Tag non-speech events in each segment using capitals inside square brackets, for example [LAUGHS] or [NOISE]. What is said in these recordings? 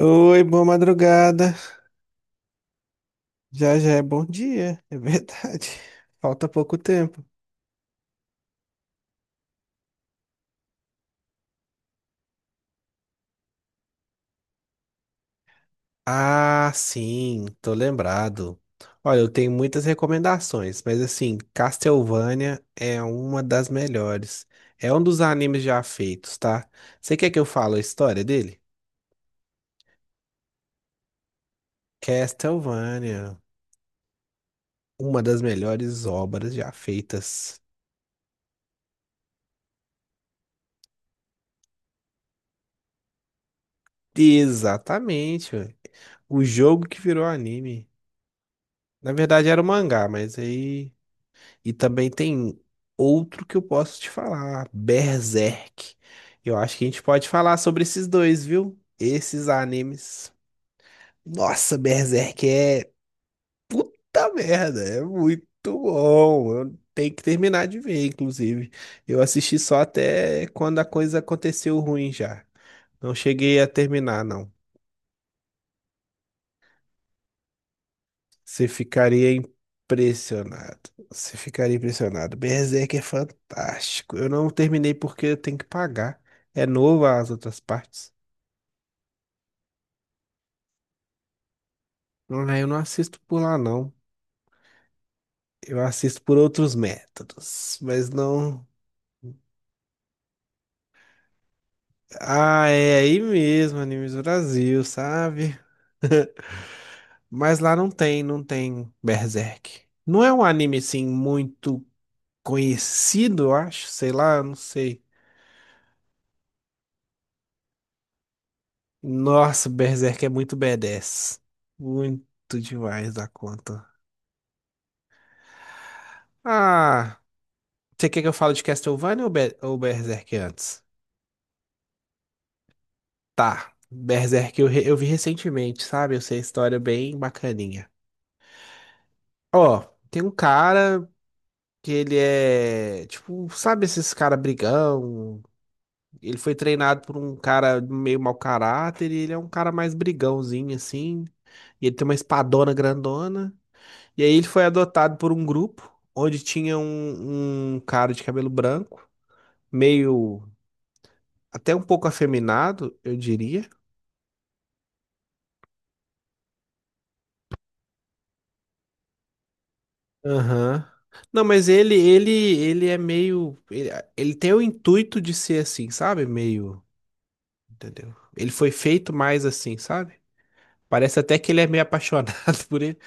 Oi, boa madrugada. Já já é bom dia, é verdade. [LAUGHS] Falta pouco tempo. Ah, sim, tô lembrado. Olha, eu tenho muitas recomendações, mas assim, Castlevania é uma das melhores. É um dos animes já feitos, tá? Você quer que eu fale a história dele? Castlevania, uma das melhores obras já feitas. Exatamente, ué. O jogo que virou anime. Na verdade era um mangá, mas aí e também tem outro que eu posso te falar, Berserk. Eu acho que a gente pode falar sobre esses dois, viu? Esses animes. Nossa, Berserk é puta merda, é muito bom. Eu tenho que terminar de ver, inclusive. Eu assisti só até quando a coisa aconteceu ruim já. Não cheguei a terminar, não. Você ficaria impressionado. Você ficaria impressionado. Berserk é fantástico. Eu não terminei porque eu tenho que pagar. É novo as outras partes. Ah, eu não assisto por lá, não. Eu assisto por outros métodos. Mas não. Ah, é aí mesmo, Animes Brasil, sabe? [LAUGHS] Mas lá não tem, não tem Berserk. Não é um anime, assim, muito conhecido, eu acho. Sei lá, eu não sei. Nossa, Berserk é muito badass. Muito demais da conta. Ah, você quer que eu fale de Castlevania ou, ou Berserk antes? Tá, Berserk eu vi recentemente, sabe? Eu sei a história bem bacaninha. Ó, tem um cara que ele é, tipo, sabe esses cara brigão? Ele foi treinado por um cara meio mau caráter e ele é um cara mais brigãozinho, assim. E ele tem uma espadona grandona. E aí ele foi adotado por um grupo onde tinha um cara de cabelo branco, meio até um pouco afeminado, eu diria. Aham. Não, mas ele é meio ele, ele tem o intuito de ser assim, sabe? Meio, entendeu? Ele foi feito mais assim, sabe? Parece até que ele é meio apaixonado [LAUGHS] por ele,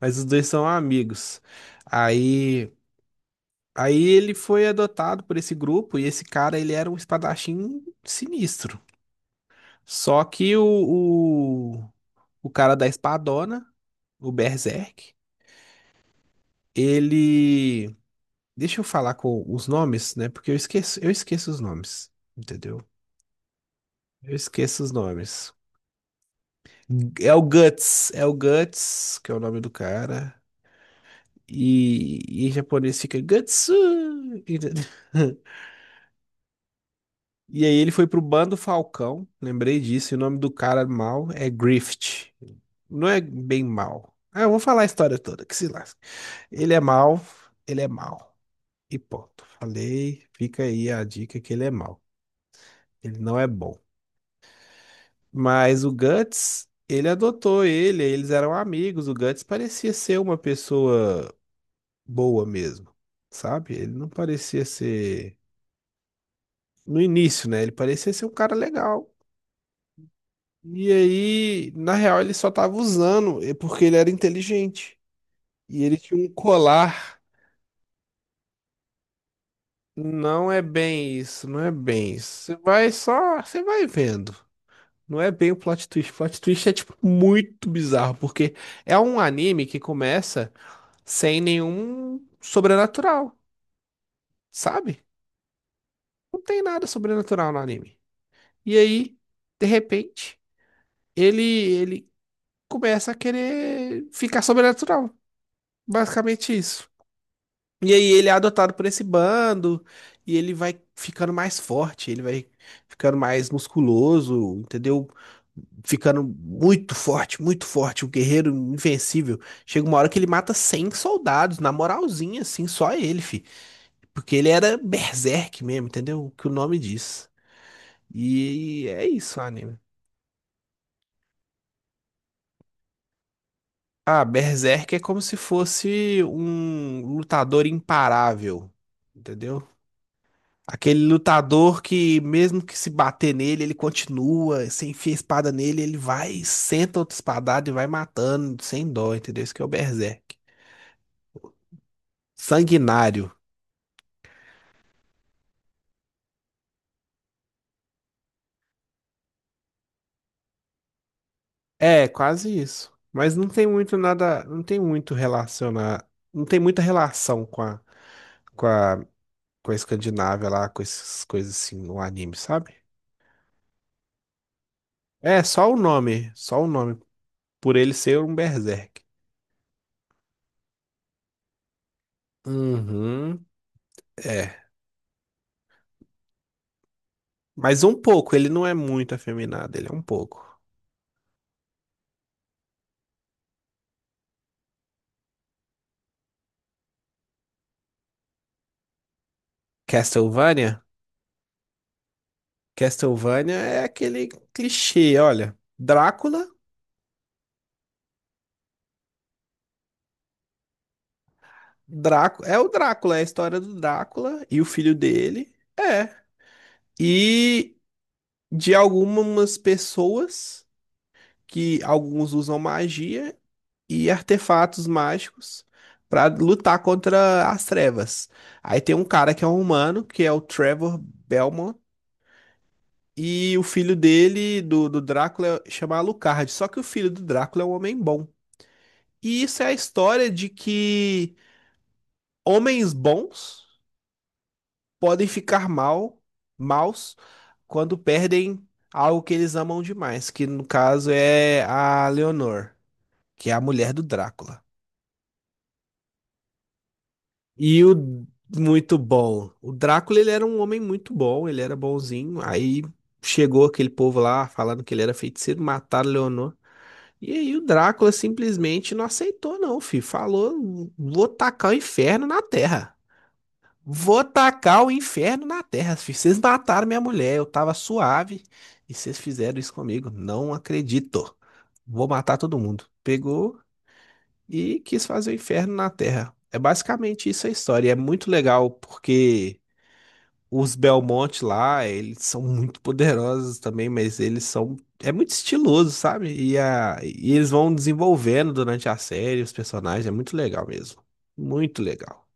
mas os dois são amigos. Aí aí ele foi adotado por esse grupo e esse cara ele era um espadachim sinistro. Só que o cara da espadona, o Berserk, ele. Deixa eu falar com os nomes, né? Porque eu esqueço os nomes, entendeu? Eu esqueço os nomes. É o Guts, que é o nome do cara. E em japonês fica Gutsu! Entendeu? [LAUGHS] E aí ele foi pro Bando Falcão, lembrei disso, e o nome do cara mal é Grift. Não é bem mal. Ah, eu vou falar a história toda, que se lá. Ele é mal, ele é mal. E ponto. Falei, fica aí a dica que ele é mal. Ele não é bom. Mas o Guts, ele adotou ele, eles eram amigos. O Guts parecia ser uma pessoa boa mesmo, sabe? Ele não parecia ser. No início, né? Ele parecia ser um cara legal. E aí, na real, ele só tava usando, é porque ele era inteligente. E ele tinha um colar. Não é bem isso. Você vai só, você vai vendo. Não é bem o plot twist. O plot twist é, tipo, muito bizarro, porque é um anime que começa sem nenhum sobrenatural, sabe? Não tem nada sobrenatural no anime. E aí, de repente, ele começa a querer ficar sobrenatural. Basicamente isso. E aí ele é adotado por esse bando e ele vai ficando mais forte, ele vai ficando mais musculoso, entendeu? Ficando muito forte, um guerreiro invencível. Chega uma hora que ele mata 100 soldados, na moralzinha, assim, só ele, fi. Porque ele era berserk mesmo, entendeu? O que o nome diz. E é isso, o anime. Ah, berserk é como se fosse um lutador imparável, entendeu? Aquele lutador que, mesmo que se bater nele, ele continua. Você enfia a espada nele, ele vai, senta outra espadada e vai matando, sem dó, entendeu? Isso que é o Berserk. Sanguinário. É, quase isso. Mas não tem muito nada. Não tem muito relacionar. Não tem muita relação com com a, com a Escandinávia lá, com essas coisas assim no anime, sabe? É, só o nome. Só o nome. Por ele ser um Berserk. Uhum. É. Mas um pouco, ele não é muito afeminado, ele é um pouco. Castlevania? Castlevania é aquele clichê, olha. É o Drácula, é a história do Drácula e o filho dele. É. E de algumas pessoas que alguns usam magia e artefatos mágicos pra lutar contra as trevas. Aí tem um cara que é um humano, que é o Trevor Belmont. E o filho dele, do Drácula, chama Alucard. Só que o filho do Drácula é um homem bom. E isso é a história de que homens bons podem ficar mal, maus quando perdem algo que eles amam demais, que no caso é a Leonor, que é a mulher do Drácula. E o muito bom. O Drácula, ele era um homem muito bom, ele era bonzinho. Aí chegou aquele povo lá falando que ele era feiticeiro, mataram Leonor. E aí o Drácula simplesmente não aceitou, não, filho. Falou, vou tacar o inferno na terra. Vou tacar o inferno na terra, filho. Vocês mataram minha mulher, eu tava suave e vocês fizeram isso comigo. Não acredito. Vou matar todo mundo. Pegou e quis fazer o inferno na terra. É basicamente isso a história. E é muito legal porque os Belmont lá, eles são muito poderosos também, mas eles são. É muito estiloso, sabe? E, a... e eles vão desenvolvendo durante a série os personagens, é muito legal mesmo. Muito legal.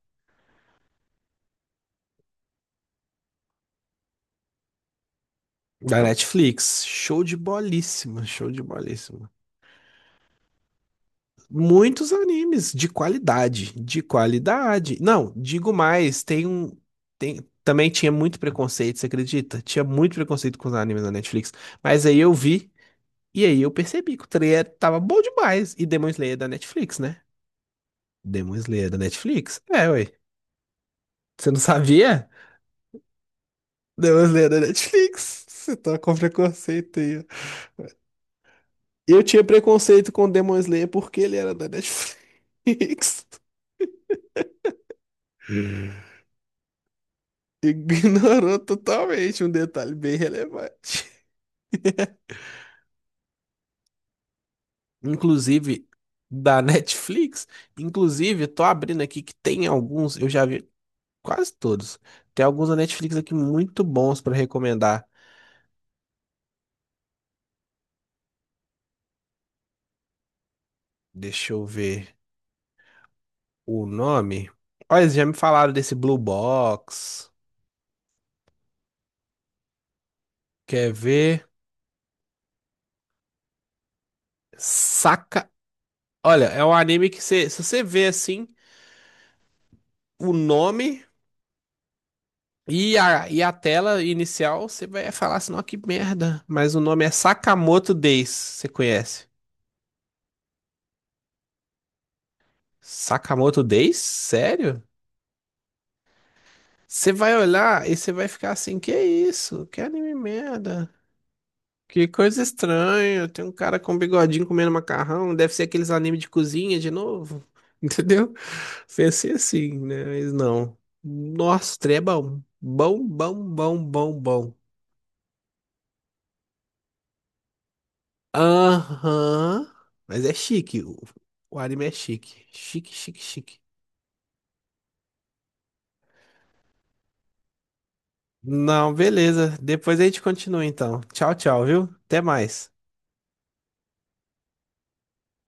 Da Netflix, show de bolíssima, show de bolíssima. Muitos animes de qualidade. Não, digo mais, tem um. Tem... Também tinha muito preconceito, você acredita? Tinha muito preconceito com os animes da Netflix. Mas aí eu vi. E aí eu percebi que o trailer tava bom demais. E Demon Slayer é da Netflix, né? Demon Slayer é da Netflix? É, ué. Você não sabia? Demon Slayer é da Netflix. Você tá com preconceito aí. Ó. Eu tinha preconceito com Demon Slayer porque ele era da Netflix. [LAUGHS] Ignorou totalmente um detalhe bem relevante. Inclusive, da Netflix. Inclusive, tô abrindo aqui que tem alguns, eu já vi quase todos. Tem alguns da Netflix aqui muito bons pra recomendar. Deixa eu ver o nome. Olha, eles já me falaram desse Blue Box. Quer ver? Saca. Olha, é um anime que você, se você vê assim o nome e a tela inicial, você vai falar assim, não, que merda. Mas o nome é Sakamoto Days. Você conhece? Sakamoto Days? Sério? Você vai olhar e você vai ficar assim, que isso? Que anime merda. Que coisa estranha. Tem um cara com um bigodinho comendo macarrão. Deve ser aqueles animes de cozinha de novo. [LAUGHS] Entendeu? Pensei assim, né? Mas não. Nossa, trem é bom. Bom, bom, bom, bom, bom. Aham. Mas é chique. O anime é chique. Chique, chique, chique. Não, beleza. Depois a gente continua então. Tchau, tchau, viu? Até mais.